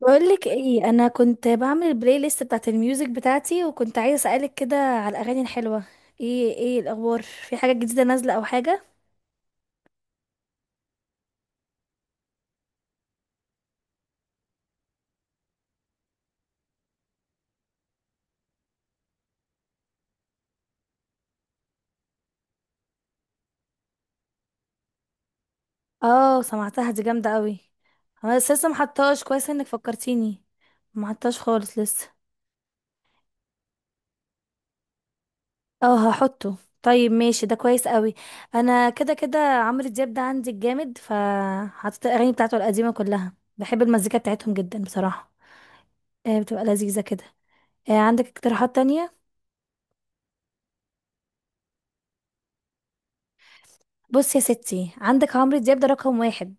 بقولك ايه، انا كنت بعمل البلاي ليست بتاعت الميوزك بتاعتي وكنت عايزه اسالك كده على الاغاني الحلوه. ايه الاخبار، في حاجه جديده نازله او حاجه؟ اه، سمعتها دي جامده قوي. انا بس لسه محطاش كويس، انك فكرتيني. محطاش خالص لسه. اه، هحطه. طيب ماشي، ده كويس قوي. انا كده كده عمرو دياب ده عندي الجامد، فحطيت الاغاني بتاعته القديمه كلها. بحب المزيكا بتاعتهم جدا بصراحه. آه، بتبقى لذيذه كده. آه، عندك اقتراحات تانية؟ بص يا ستي، عندك عمرو دياب ده رقم واحد.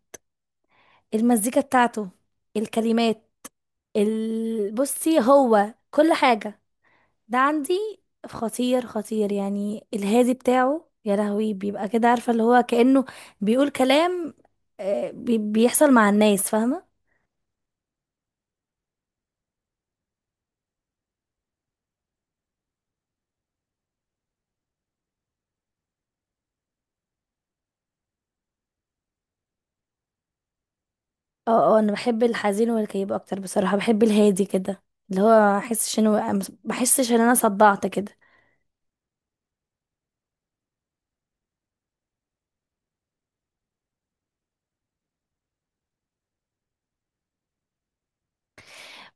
المزيكا بتاعته، الكلمات، بصي هو كل حاجة. ده عندي خطير خطير، يعني الهادي بتاعه، يا لهوي، بيبقى كده، عارفة، اللي هو كأنه بيقول كلام بيحصل مع الناس، فاهمة. اه اه، انا بحب الحزين والكئيب اكتر بصراحة، بحب الهادي كده، اللي هو احسش انه بحسش ان انا صدعت كده.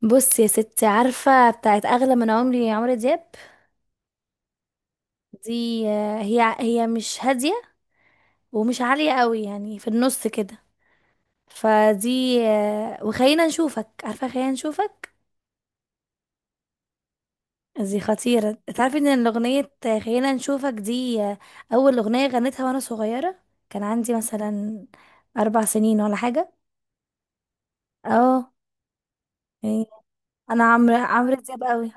بص يا ستي، عارفة بتاعت اغلى من عمري، عمرو دياب؟ دي هي مش هادية، ومش عالية قوي، يعني في النص كده. فدي وخلينا نشوفك، عارفة خلينا نشوفك. دي خطيرة، تعرفي ان الأغنية خلينا نشوفك دي أول أغنية غنيتها وأنا صغيرة. كان عندي مثلا 4 سنين ولا حاجة. اه، يعني. أنا عمرو دياب قوي.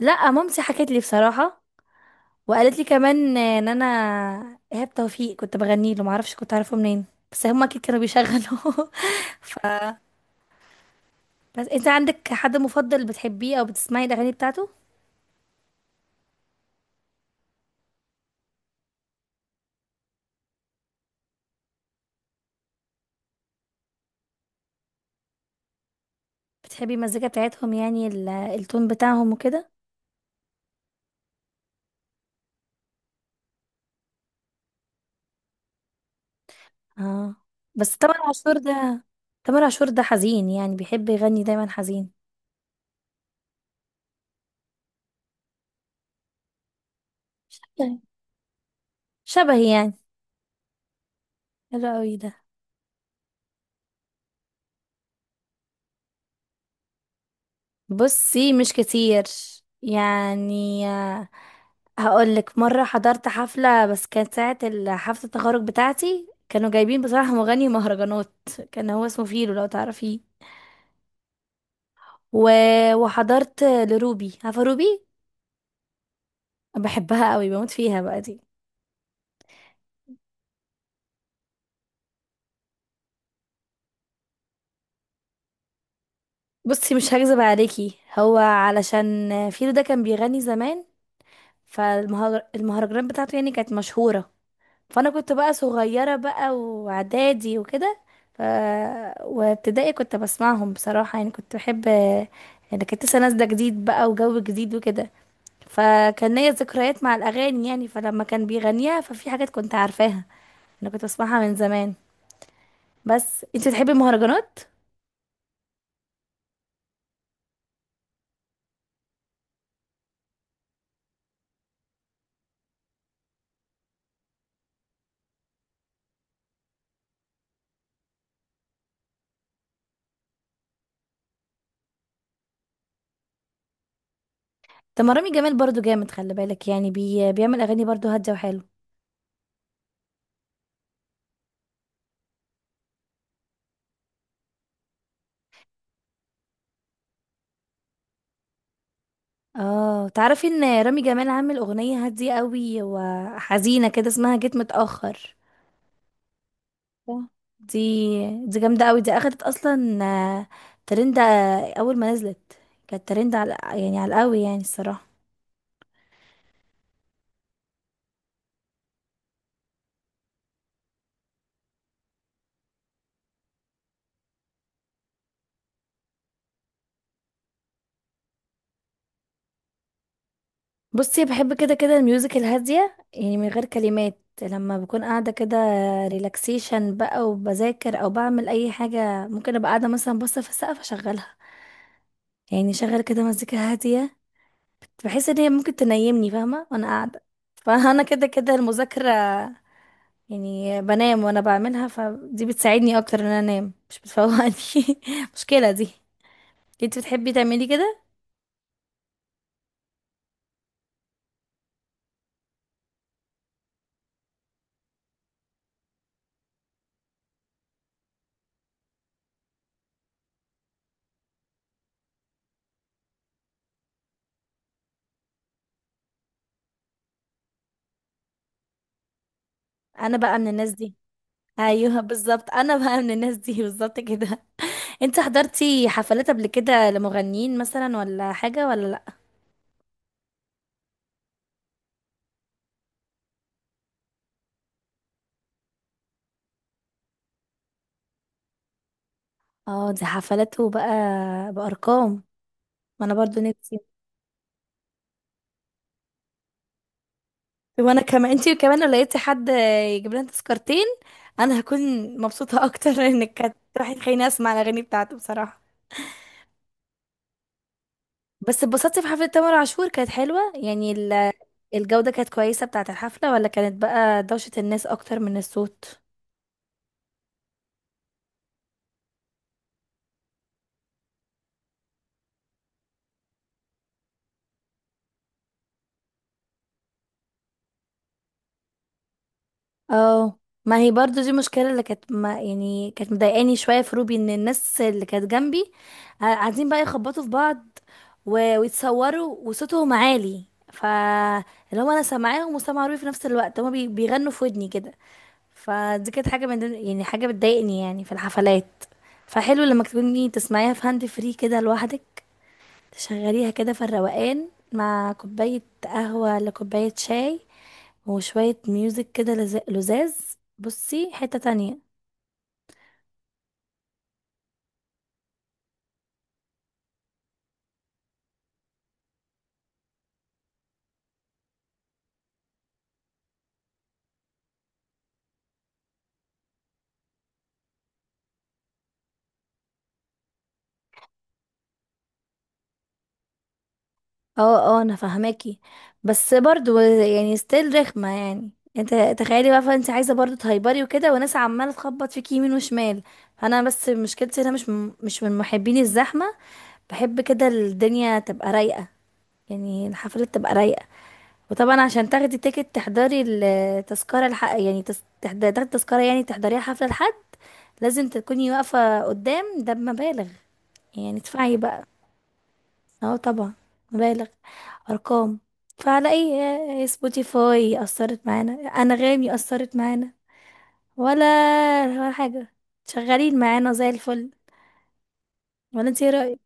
لا، مامتي حكت لي بصراحة، وقالت لي كمان ان انا إيهاب توفيق كنت بغني له، معرفش كنت عارفه منين. بس هما اكيد كانوا بيشغلوا. ف، بس انت عندك حد مفضل بتحبيه او بتسمعي الاغاني بتاعته؟ بتحبي المزيكا بتاعتهم يعني التون بتاعهم وكده؟ اه بس تامر عاشور ده، تامر عاشور ده حزين، يعني بيحب يغني دايما حزين. شبهي، شبهي يعني. حلو قوي ده. بصي مش كتير يعني، هقول لك. مره حضرت حفله، بس كانت ساعه حفله التخرج بتاعتي، كانوا جايبين بصراحه مغني مهرجانات. كان هو اسمه فيلو، لو تعرفيه. و... وحضرت لروبي، عارفه روبي؟ بحبها قوي، بموت فيها بقى دي. بصي مش هكذب عليكي، هو علشان فيلو ده كان بيغني زمان، فالمهرجانات بتاعته يعني كانت مشهورة. فأنا كنت بقى صغيرة بقى، وإعدادي وكده، ف... وابتدائي كنت بسمعهم بصراحة، يعني كنت بحب. يعني كانت لسه نازلة جديد بقى، وجو جديد وكده، فكان ليا ذكريات مع الأغاني يعني. فلما كان بيغنيها، ففي حاجات كنت عارفاها، أنا كنت بسمعها من زمان. بس انت بتحبي المهرجانات؟ طب ما رامي جمال برضو جامد، خلي بالك يعني، بيعمل اغاني برضو هاديه وحلو. اه، تعرفي ان رامي جمال عامل اغنيه هاديه قوي وحزينه كده، اسمها جيت متاخر؟ صح. دي جامده قوي. دي اخدت اصلا ترند اول ما نزلت. كانت ترند على، يعني على القوي يعني الصراحه. بصي بحب كده كده الميوزك الهاديه، يعني من غير كلمات، لما بكون قاعده كده ريلاكسيشن بقى، وبذاكر او بعمل اي حاجه. ممكن ابقى قاعده مثلا باصه في السقف، اشغلها، يعني شغل كده مزيكا هادية. بحس ان هي ممكن تنيمني، فاهمة، وانا قاعدة. فانا كده كده المذاكرة يعني بنام وانا بعملها، فدي بتساعدني اكتر ان انا انام، مش بتفوقني. مشكلة دي. انت بتحبي تعملي كده؟ انا بقى من الناس دي. ايوه بالظبط، انا بقى من الناس دي. بالظبط كده. انت حضرتي حفلات قبل كده لمغنيين مثلا، ولا حاجة، ولا لا؟ اه دي حفلاته بقى، بأرقام. ما انا برضو نفسي. وانا كمان، انتي كمان لو لقيتي حد يجيب لنا تذكرتين، انا هكون مبسوطه اكتر. انك كانت راح تخليني اسمع الاغاني بتاعته بصراحه. بس اتبسطتي في حفله تامر عاشور، كانت حلوه يعني الجوده كانت كويسه بتاعه الحفله؟ ولا كانت بقى دوشه الناس اكتر من الصوت؟ اه، ما هي برضو دي مشكلة اللي كانت، ما يعني كانت مضايقاني شوية في روبي، ان الناس اللي كانت جنبي قاعدين بقى يخبطوا في بعض، ويتصوروا وصوتهم عالي. ف، اللي هو انا سامعاهم وسامعة روبي في نفس الوقت، هما بيغنوا في ودني كده. فدي كانت حاجة من ضمن، يعني حاجة بتضايقني يعني في الحفلات. فحلو لما تكوني تسمعيها في هاند فري كده لوحدك، تشغليها كده في الروقان، مع كوباية قهوة ولا كوباية شاي، وشوية ميوزك كده لزاز. بصي حتة تانية. اه اه انا فاهماكي، بس برضو يعني ستيل رخمة يعني. انت تخيلي بقى، فانت عايزة برضو تهيبري وكده، وناس عمالة تخبط فيكي يمين وشمال. فانا بس مشكلتي، انا مش مش من محبين الزحمة. بحب كده الدنيا تبقى رايقة، يعني الحفلة تبقى رايقة. وطبعا عشان تاخدي تيكت، تحضري التذكرة الحق يعني، تاخدي تذكرة، يعني تحضريها حفلة لحد، لازم تكوني واقفة قدام. ده بمبالغ، يعني ادفعي بقى. اه طبعا، مبالغ، ارقام. فعلى اي، سبوتيفاي اثرت معانا، انغامي اثرت معانا، ولا ولا حاجه؟ شغالين معانا زي الفل، ولا انت ايه رايك؟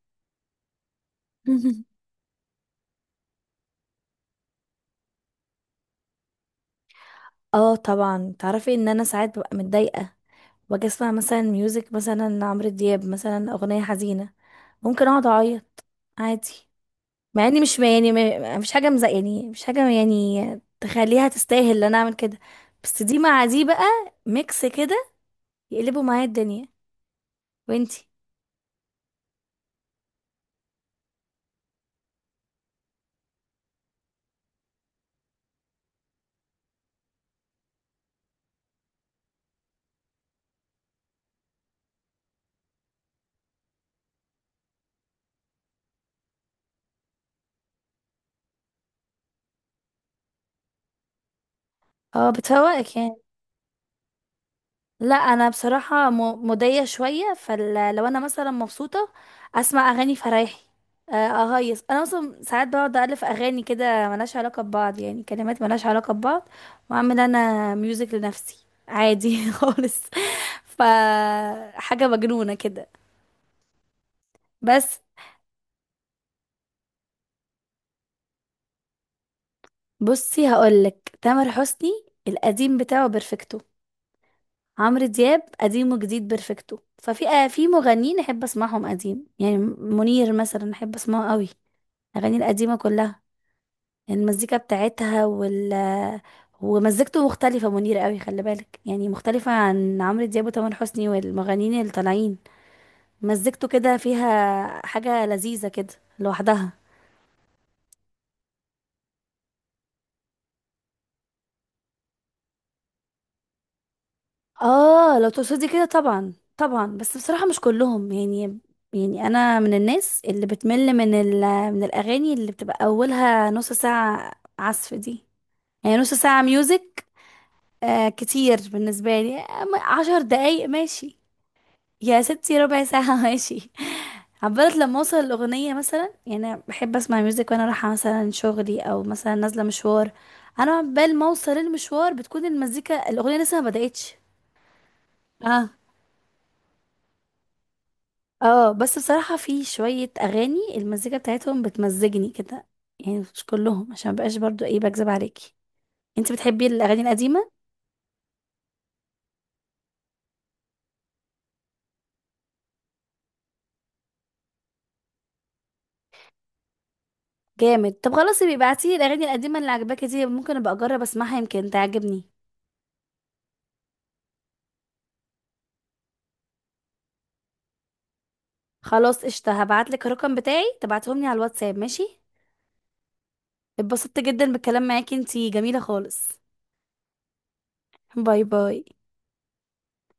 اه طبعا، تعرفي ان انا ساعات ببقى متضايقه، واجي اسمع مثلا ميوزك، مثلا عمرو دياب، مثلا اغنيه حزينه، ممكن اقعد اعيط، عادي. مع اني مش يعني، مش حاجه مزق، يعني مش حاجه يعني تخليها تستاهل ان انا اعمل كده. بس دي مع دي بقى، ميكس كده، يقلبوا معايا الدنيا. وانتي؟ اه بتفوقك يعني. لا انا بصراحه موديه شويه. فلو انا مثلا مبسوطه، اسمع اغاني فرايحي آه، اهيص. انا اصلا ساعات بقعد الف اغاني كده ملهاش علاقه ببعض، يعني كلمات ملهاش علاقه ببعض، واعمل انا ميوزك لنفسي عادي. خالص. ف، حاجه مجنونه كده بس. بصي هقولك، تامر حسني القديم بتاعه بيرفكتو. عمرو دياب قديم وجديد بيرفكتو. ففي آه، في مغنيين احب اسمعهم قديم، يعني منير مثلا احب اسمعه قوي. الاغاني القديمه كلها، المزيكا بتاعتها، وال، ومزيكته مختلفه، منير قوي خلي بالك يعني، مختلفه عن عمرو دياب وتامر حسني والمغنيين اللي طالعين. مزيكته كده فيها حاجه لذيذه كده لوحدها. اه لو تقصدي كده، طبعا طبعا، بس بصراحة مش كلهم يعني. يعني انا من الناس اللي بتمل من ال، من الاغاني اللي بتبقى اولها نص ساعة عزف دي، يعني نص ساعة ميوزك. آه كتير بالنسبة لي. 10 دقايق ماشي، يا ستي ربع ساعة ماشي، عبالة لما اوصل الاغنية مثلا. يعني أنا بحب اسمع ميوزك وانا رايحة مثلا شغلي، او مثلا نازلة مشوار، انا عبال ما اوصل المشوار بتكون المزيكا الاغنية لسه ما بدأتش. اه بس بصراحة في شوية أغاني المزيكا بتاعتهم بتمزجني كده، يعني مش كلهم، عشان مبقاش برضو ايه، بكذب عليكي. انت بتحبي الأغاني القديمة؟ جامد. طب خلاص يبقى ابعتي الأغاني القديمة اللي عجباكي دي، ممكن ابقى اجرب اسمعها يمكن تعجبني. خلاص قشطة، هبعتلك الرقم بتاعي، تبعتهم لي على الواتساب، ماشي؟ اتبسطت جدا بالكلام معاكي، انتي جميلة خالص. باي باي.